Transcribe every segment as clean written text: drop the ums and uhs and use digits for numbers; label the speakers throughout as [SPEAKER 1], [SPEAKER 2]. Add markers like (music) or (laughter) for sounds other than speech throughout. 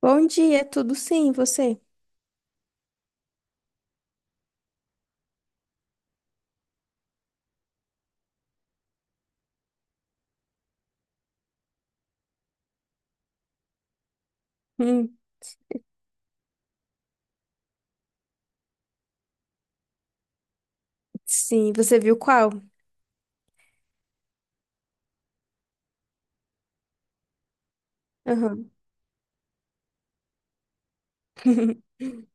[SPEAKER 1] Bom dia, tudo sim, você? Hum, sim, você viu qual? Aham. (laughs)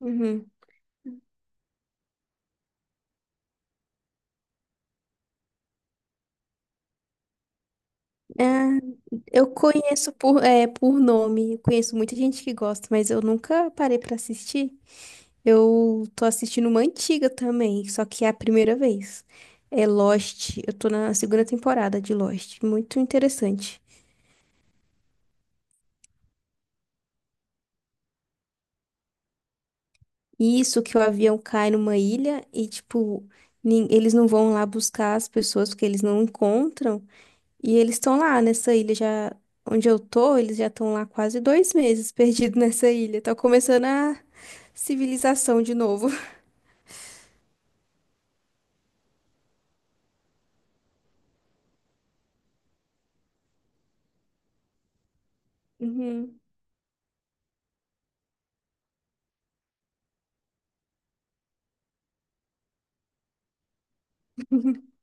[SPEAKER 1] Uhum. Ah, eu conheço por, por nome, eu conheço muita gente que gosta, mas eu nunca parei pra assistir. Eu tô assistindo uma antiga também, só que é a primeira vez. É Lost, eu tô na segunda temporada de Lost, muito interessante. Isso que o avião cai numa ilha e, tipo, eles não vão lá buscar as pessoas porque eles não encontram. E eles estão lá nessa ilha já. Onde eu tô, eles já estão lá quase 2 meses perdidos (laughs) nessa ilha. Tá começando a civilização de novo. (laughs) Uhum. (laughs)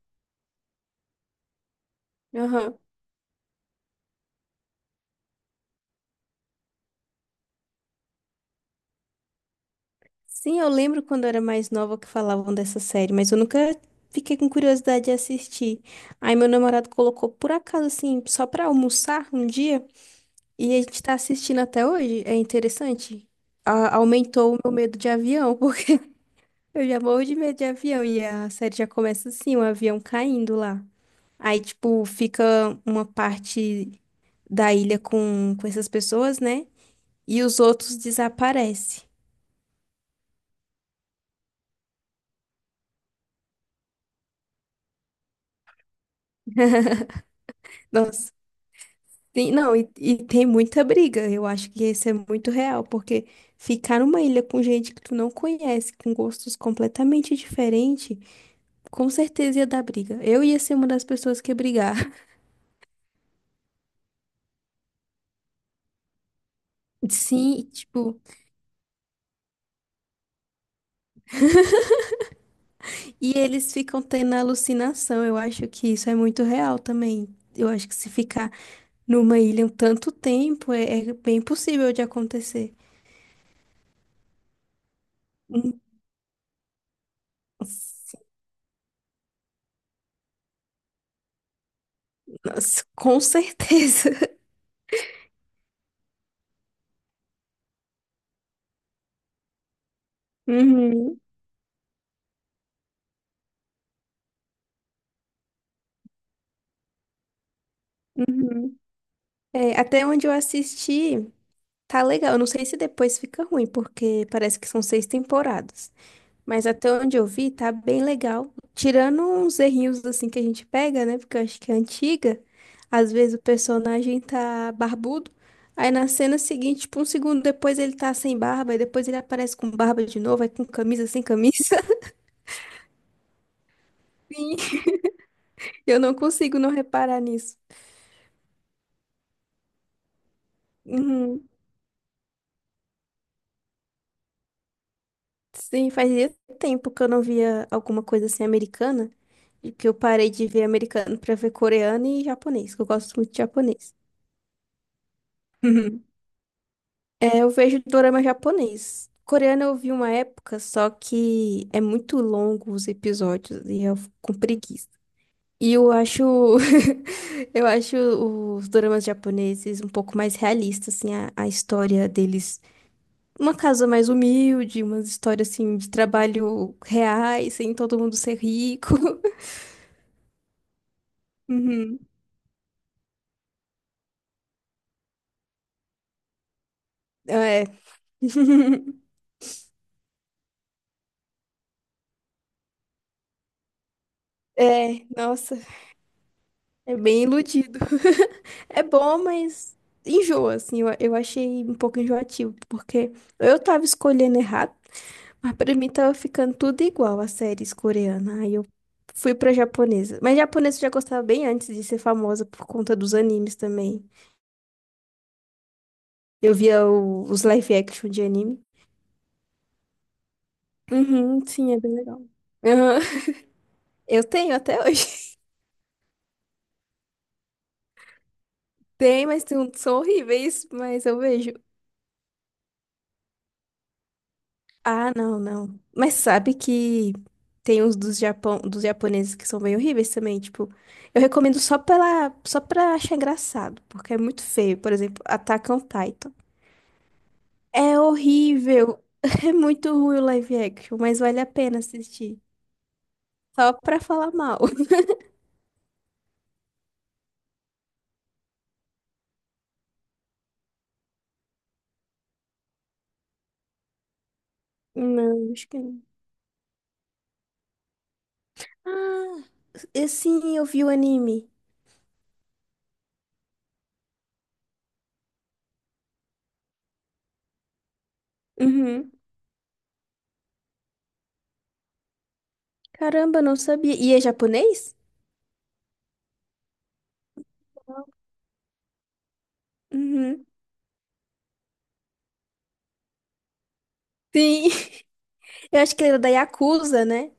[SPEAKER 1] Aham. Sim, eu lembro quando eu era mais nova que falavam dessa série, mas eu nunca fiquei com curiosidade de assistir. Aí meu namorado colocou por acaso, assim, só pra almoçar um dia, e a gente tá assistindo até hoje. É interessante. Aumentou o meu medo de avião, (laughs) porque eu já morro de medo de avião, e a série já começa assim, um avião caindo lá. Aí, tipo, fica uma parte da ilha com essas pessoas, né? E os outros desaparecem. Nossa, não, e tem muita briga. Eu acho que isso é muito real, porque ficar numa ilha com gente que tu não conhece, com gostos completamente diferentes, com certeza ia dar briga. Eu ia ser uma das pessoas que ia brigar. (laughs) Sim, tipo, e eles ficam tendo alucinação. Eu acho que isso é muito real também. Eu acho que se ficar numa ilha em tanto tempo é, é bem possível de acontecer. Hum, Nossa, com certeza. (laughs) Uhum, uhum. É, até onde eu assisti, tá legal. Eu não sei se depois fica ruim, porque parece que são seis temporadas. Mas até onde eu vi, tá bem legal. Tirando uns errinhos assim que a gente pega, né? Porque eu acho que é antiga. Às vezes o personagem tá barbudo. Aí na cena seguinte, tipo, um segundo depois ele tá sem barba, e depois ele aparece com barba de novo, aí com camisa sem camisa. (laughs) Sim, eu não consigo não reparar nisso. Uhum. Sim, fazia tempo que eu não via alguma coisa assim americana, e que eu parei de ver americano pra ver coreano e japonês, que eu gosto muito de japonês. (laughs) É, eu vejo dorama japonês. Coreano eu vi uma época, só que é muito longo os episódios e eu fico com preguiça. E eu acho (laughs) eu acho os doramas japoneses um pouco mais realistas, assim, a história deles. Uma casa mais humilde, umas histórias assim de trabalho reais, sem todo mundo ser rico. (laughs) Uhum. É. (laughs) É, nossa. É bem iludido. (laughs) É bom, mas enjoa, assim. Eu achei um pouco enjoativo, porque eu tava escolhendo errado, mas pra mim tava ficando tudo igual às séries coreanas. Aí eu fui pra japonesa. Mas japonesa eu já gostava bem antes de ser famosa por conta dos animes também. Eu via os live action de anime. Uhum, sim, é bem legal. Aham. (laughs) Eu tenho até hoje. (laughs) Tem, mas tem são horríveis, mas eu vejo. Ah, não, não. Mas sabe que tem uns dos Japão, dos japoneses que são bem horríveis também, tipo, eu recomendo só pela, só pra achar engraçado, porque é muito feio, por exemplo, Attack on Titan. É horrível, (laughs) é muito ruim o live action, mas vale a pena assistir, só pra falar mal. (laughs) Não, acho que não. Ah, sim, eu vi o anime. Uhum. Caramba, não sabia. E é japonês? Uhum. Sim. (laughs) Eu acho que ele era da Yakuza, né?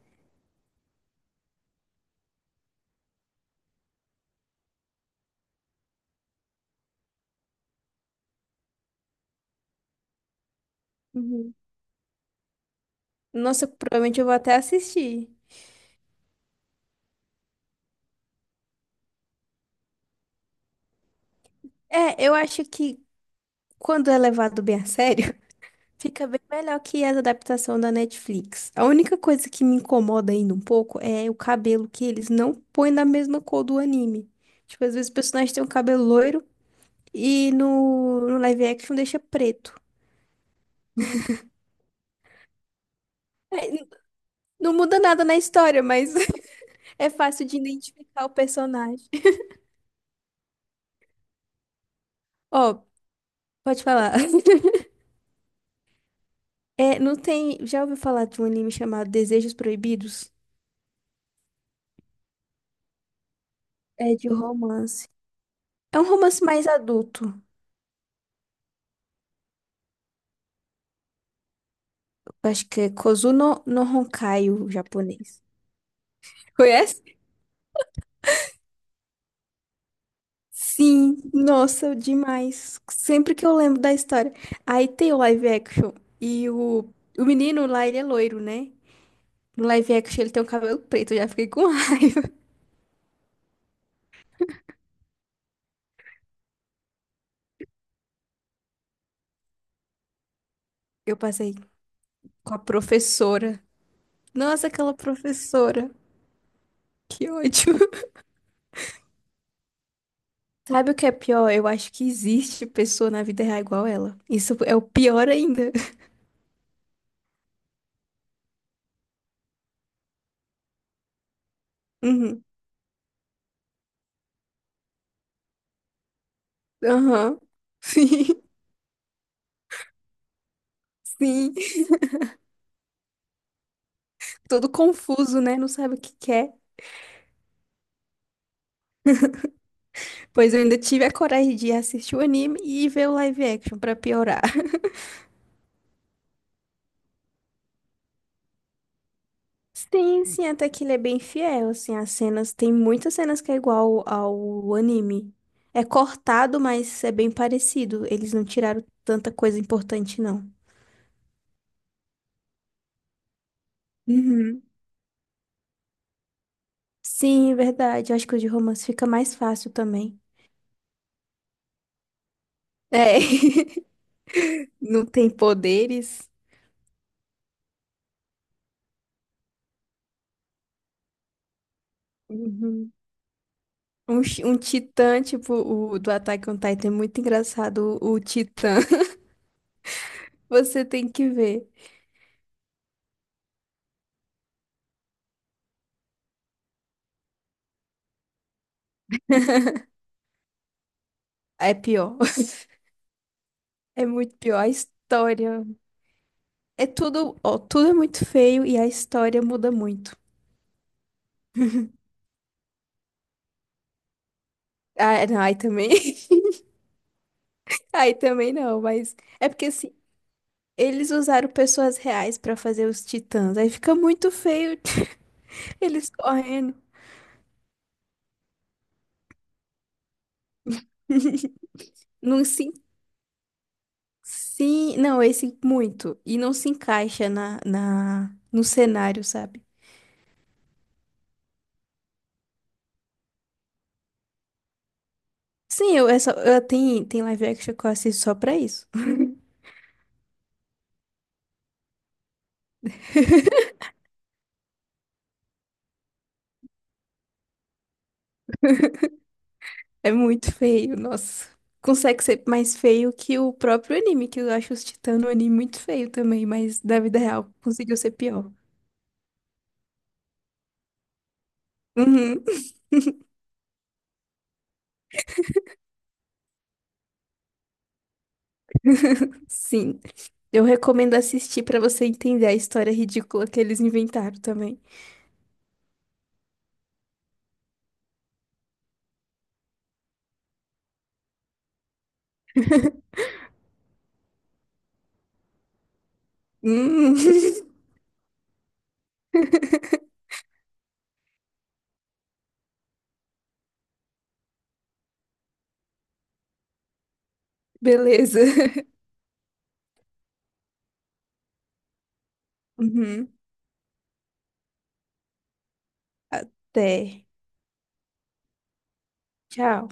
[SPEAKER 1] Uhum. Nossa, provavelmente eu vou até assistir. É, eu acho que quando é levado bem a sério, (laughs) fica bem melhor que a adaptação da Netflix. A única coisa que me incomoda ainda um pouco é o cabelo que eles não põem da mesma cor do anime. Tipo, às vezes o personagem tem um cabelo loiro e no, no live action deixa preto. É, não muda nada na história, mas (laughs) é fácil de identificar o personagem. (laughs) Ó, pode falar. (laughs) É, não tem. Já ouviu falar de um anime chamado Desejos Proibidos? É de romance. É um romance mais adulto. Eu acho que é Kozuno no Honkai, o japonês. Conhece? Sim, nossa, demais. Sempre que eu lembro da história. Aí tem o live action. E o menino lá, ele é loiro, né? No live action ele tem um cabelo preto. Eu já fiquei com (laughs) raiva. Eu passei com a professora. Nossa, aquela professora. Que ódio. (laughs) Sabe o que é pior? Eu acho que existe pessoa na vida real igual ela. Isso é o pior ainda. (laughs) Uhum. Aham. Sim, (laughs) sim. Todo confuso, né? Não sabe o que quer. Pois eu ainda tive a coragem de assistir o anime e ver o live action pra piorar. (laughs) Sim, sim, até que ele é bem fiel, assim, as cenas, tem muitas cenas que é igual ao anime. É cortado, mas é bem parecido. Eles não tiraram tanta coisa importante, não. Uhum. Sim, é verdade. Eu acho que o de romance fica mais fácil também. É, (laughs) não tem poderes. Uhum. Um titã, tipo, o do Attack on Titan, é muito engraçado. O titã, (laughs) você tem que ver. É pior. (laughs) É muito pior. A história. É tudo, ó, tudo é muito feio e a história muda muito. Ah, não, aí também. (laughs) Aí também não, mas. É porque assim, eles usaram pessoas reais pra fazer os titãs. Aí fica muito feio (laughs) eles correndo. (laughs) Não se. En- Sim, não, esse muito. E não se encaixa no cenário, sabe? Sim, eu, é só, tem live action que eu assisto só pra isso. (laughs) É muito feio, nossa. Consegue ser mais feio que o próprio anime, que eu acho os Titãs no anime muito feio também, mas da vida real conseguiu ser pior. Uhum. (laughs) Sim. Eu recomendo assistir pra você entender a história ridícula que eles inventaram também. Hum. (laughs) Beleza. Uhum. Até. Tchau.